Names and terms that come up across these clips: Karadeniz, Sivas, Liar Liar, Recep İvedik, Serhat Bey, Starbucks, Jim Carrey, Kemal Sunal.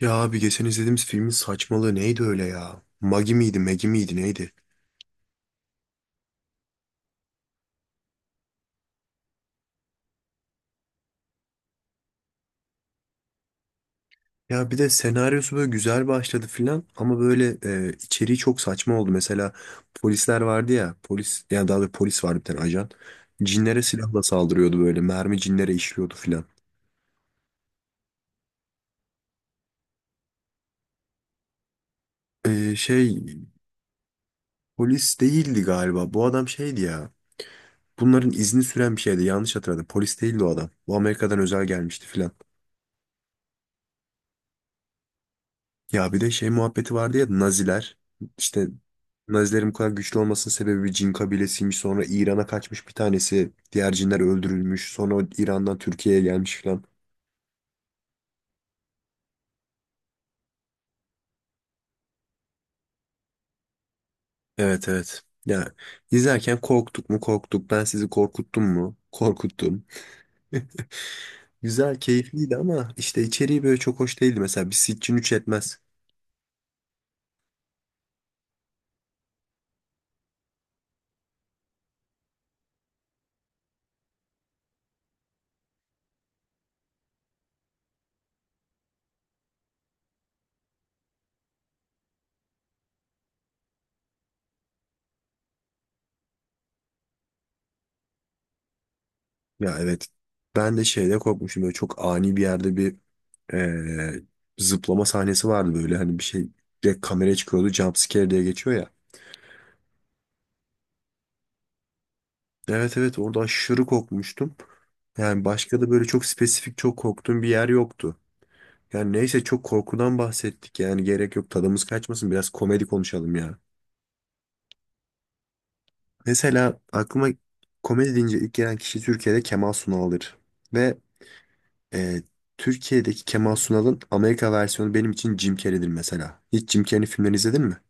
Ya abi geçen izlediğimiz filmin saçmalığı neydi öyle ya? Magi miydi, Megi miydi neydi? Ya bir de senaryosu böyle güzel başladı filan ama böyle içeriği çok saçma oldu. Mesela polisler vardı ya, polis yani daha doğrusu polis vardı bir tane ajan. Cinlere silahla saldırıyordu böyle, mermi cinlere işliyordu filan. E, şey polis değildi galiba. Bu adam şeydi ya. Bunların izni süren bir şeydi. Yanlış hatırladım. Polis değildi o adam. Bu Amerika'dan özel gelmişti filan. Ya bir de şey muhabbeti vardı ya Naziler işte Nazilerin bu kadar güçlü olmasının sebebi bir cin kabilesiymiş, sonra İran'a kaçmış bir tanesi, diğer cinler öldürülmüş, sonra o İran'dan Türkiye'ye gelmiş falan. Evet evet ya, izlerken korktuk mu korktuk, ben sizi korkuttum mu korkuttum. Güzel keyifliydi ama işte içeriği böyle çok hoş değildi, mesela bir Sitchin 3 etmez. Ya evet, ben de şeyde korkmuşum böyle, çok ani bir yerde bir eee, zıplama sahnesi vardı, böyle hani bir şey direkt kameraya çıkıyordu, jumpscare diye geçiyor ya. Evet evet, orada aşırı korkmuştum. Yani başka da böyle çok spesifik çok korktuğum bir yer yoktu. Yani neyse, çok korkudan bahsettik yani, gerek yok, tadımız kaçmasın, biraz komedi konuşalım ya. Mesela aklıma komedi deyince ilk gelen kişi Türkiye'de Kemal Sunal'dır. Ve eee, Türkiye'deki Kemal Sunal'ın Amerika versiyonu benim için Jim Carrey'dir mesela. Hiç Jim Carrey'in filmlerini izledin mi?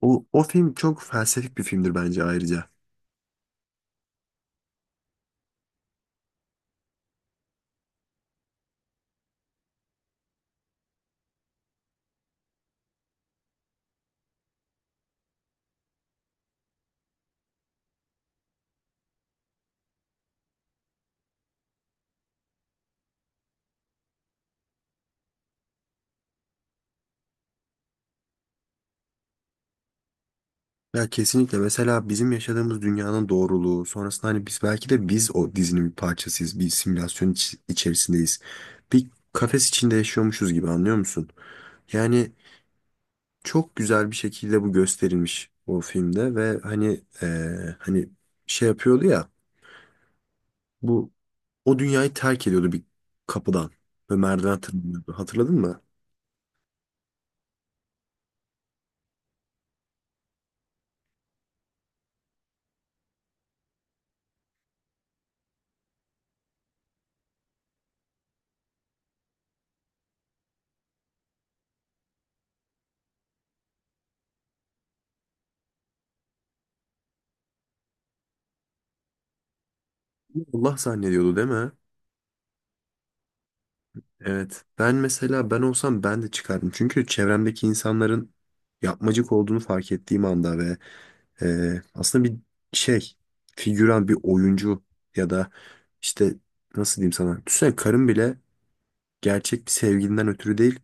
O, o film çok felsefik bir filmdir bence ayrıca. Ya kesinlikle, mesela bizim yaşadığımız dünyanın doğruluğu sonrasında hani biz belki de biz o dizinin bir parçasıyız. Bir simülasyon içerisindeyiz. Bir kafes içinde yaşıyormuşuz gibi, anlıyor musun? Yani çok güzel bir şekilde bu gösterilmiş o filmde ve hani hani şey yapıyordu ya bu, o dünyayı terk ediyordu bir kapıdan ve merdiven tırmanıyordu. Hatırladın mı? Allah zannediyordu değil mi? Evet. Ben mesela, ben olsam ben de çıkardım. Çünkü çevremdeki insanların yapmacık olduğunu fark ettiğim anda ve aslında bir şey, figüran bir oyuncu ya da işte nasıl diyeyim sana. Düşünsene, karın bile gerçek bir sevgilinden ötürü değil,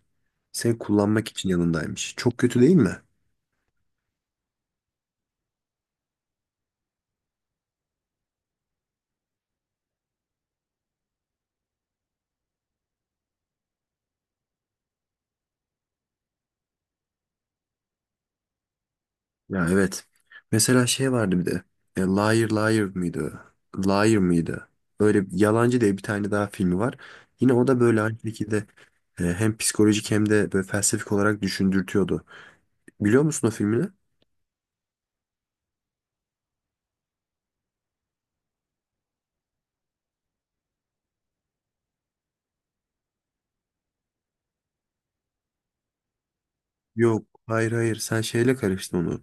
seni kullanmak için yanındaymış. Çok kötü değil mi? Ya evet. Mesela şey vardı bir de. Liar Liar mıydı? Liar mıydı? Öyle Yalancı diye bir tane daha filmi var. Yine o da böyle aynı şekilde hem psikolojik hem de böyle felsefik olarak düşündürtüyordu. Biliyor musun o filmini? Yok. Hayır hayır. Sen şeyle karıştın onu.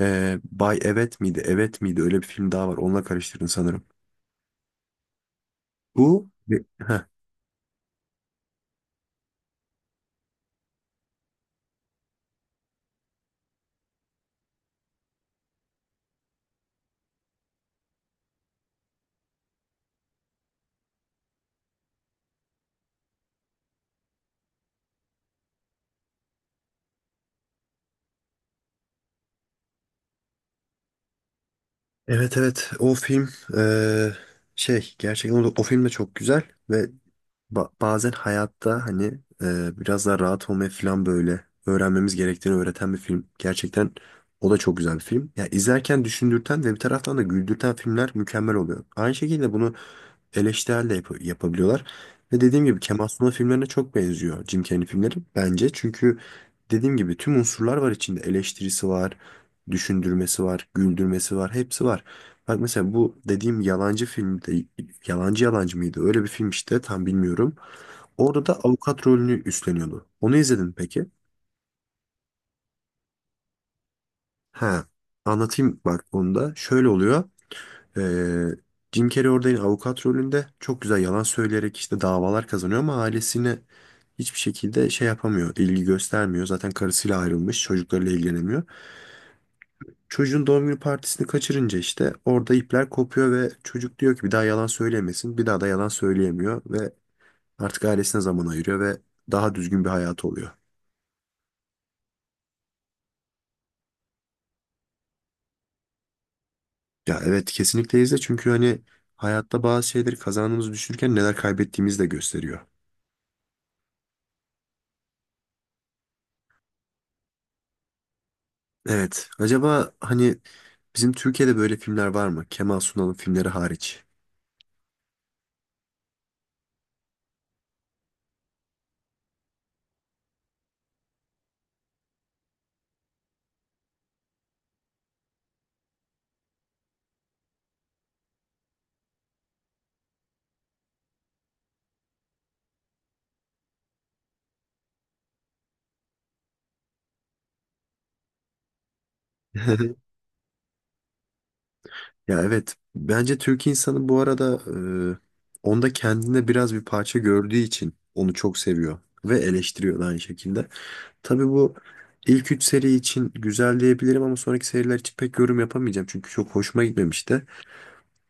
Bay Evet miydi? Evet miydi? Öyle bir film daha var. Onunla karıştırdın sanırım. Bu Heh. Evet evet. O film e, gerçekten o, o film de çok güzel ve bazen hayatta hani biraz daha rahat olmayı falan böyle öğrenmemiz gerektiğini öğreten bir film. Gerçekten o da çok güzel bir film. Ya izlerken düşündürten ve bir taraftan da güldürten filmler mükemmel oluyor. Aynı şekilde bunu eleştirel de yapabiliyorlar. Ve dediğim gibi Kemal Sunal filmlerine çok benziyor Jim Carrey filmleri bence. Çünkü dediğim gibi tüm unsurlar var içinde. Eleştirisi var, düşündürmesi var, güldürmesi var, hepsi var. Bak mesela bu dediğim yalancı filmde, yalancı yalancı mıydı? Öyle bir film işte, tam bilmiyorum. Orada da avukat rolünü üstleniyordu. Onu izledin mi peki? Ha, anlatayım bak onu da. Şöyle oluyor. Ee, Jim Carrey orada yine avukat rolünde çok güzel yalan söyleyerek işte davalar kazanıyor ama ailesine hiçbir şekilde şey yapamıyor, ilgi göstermiyor. Zaten karısıyla ayrılmış, çocuklarıyla ilgilenemiyor. Çocuğun doğum günü partisini kaçırınca işte orada ipler kopuyor ve çocuk diyor ki bir daha yalan söylemesin. Bir daha da yalan söyleyemiyor ve artık ailesine zaman ayırıyor ve daha düzgün bir hayatı oluyor. Ya evet, kesinlikle izle, çünkü hani hayatta bazı şeyleri kazandığımızı düşünürken neler kaybettiğimizi de gösteriyor. Evet, acaba hani bizim Türkiye'de böyle filmler var mı? Kemal Sunal'ın filmleri hariç. Ya evet. Bence Türk insanı bu arada e, onda kendinde biraz bir parça gördüğü için onu çok seviyor ve eleştiriyor da aynı şekilde. Tabii bu ilk 3 seri için güzel diyebilirim ama sonraki seriler için pek yorum yapamayacağım. Çünkü çok hoşuma gitmemişti.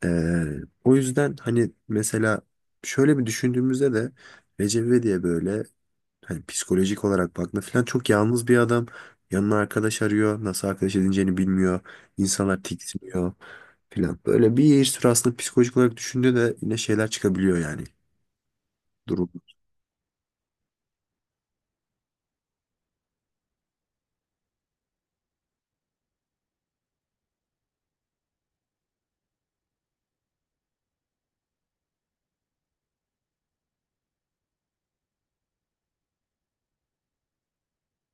Ee, o yüzden hani mesela şöyle bir düşündüğümüzde de Recep İvedik böyle, hani psikolojik olarak baktığında falan, çok yalnız bir adam. Yanına arkadaş arıyor. Nasıl arkadaş edineceğini bilmiyor. İnsanlar tiksiniyor falan. Böyle bir sürü aslında psikolojik olarak düşündüğünde de yine şeyler çıkabiliyor yani durum.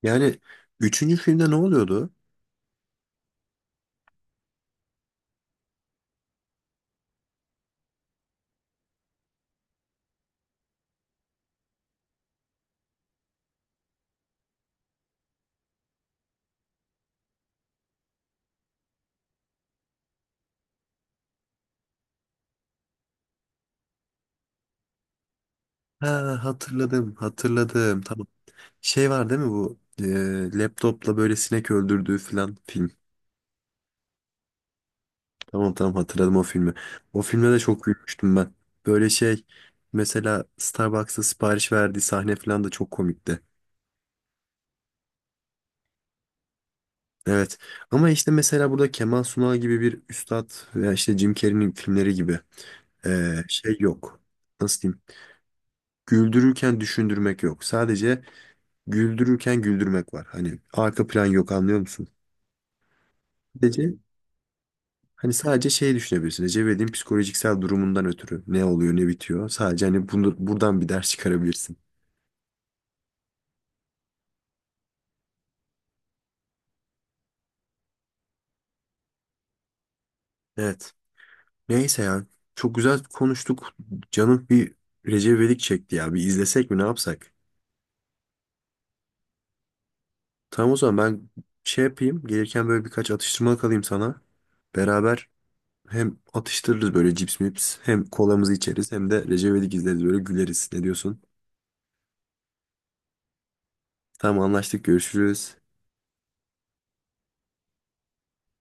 Yani üçüncü filmde ne oluyordu? Ha, hatırladım, hatırladım. Tamam. Şey var değil mi bu? Laptopla böyle sinek öldürdüğü falan film. Tamam tamam, hatırladım o filmi. O filme de çok gülmüştüm ben. Böyle şey, mesela Starbucks'ta sipariş verdiği sahne falan da çok komikti. Evet. Ama işte mesela burada Kemal Sunal gibi bir üstad veya işte Jim Carrey'nin filmleri gibi şey yok. Nasıl diyeyim? Güldürürken düşündürmek yok. Sadece güldürürken güldürmek var. Hani arka plan yok, anlıyor musun? Hani sadece şey düşünebilirsin. Recep İvedik'in psikolojiksel durumundan ötürü ne oluyor ne bitiyor. Sadece hani bunu, buradan bir ders çıkarabilirsin. Evet. Neyse ya. Çok güzel konuştuk. Canım bir Recep İvedik çekti ya. Bir izlesek mi, ne yapsak? Tamam o zaman, ben şey yapayım. Gelirken böyle birkaç atıştırmalık alayım sana. Beraber hem atıştırırız böyle, cips mips. Hem kolamızı içeriz hem de Recep İvedik izleriz, böyle güleriz. Ne diyorsun? Tamam, anlaştık, görüşürüz.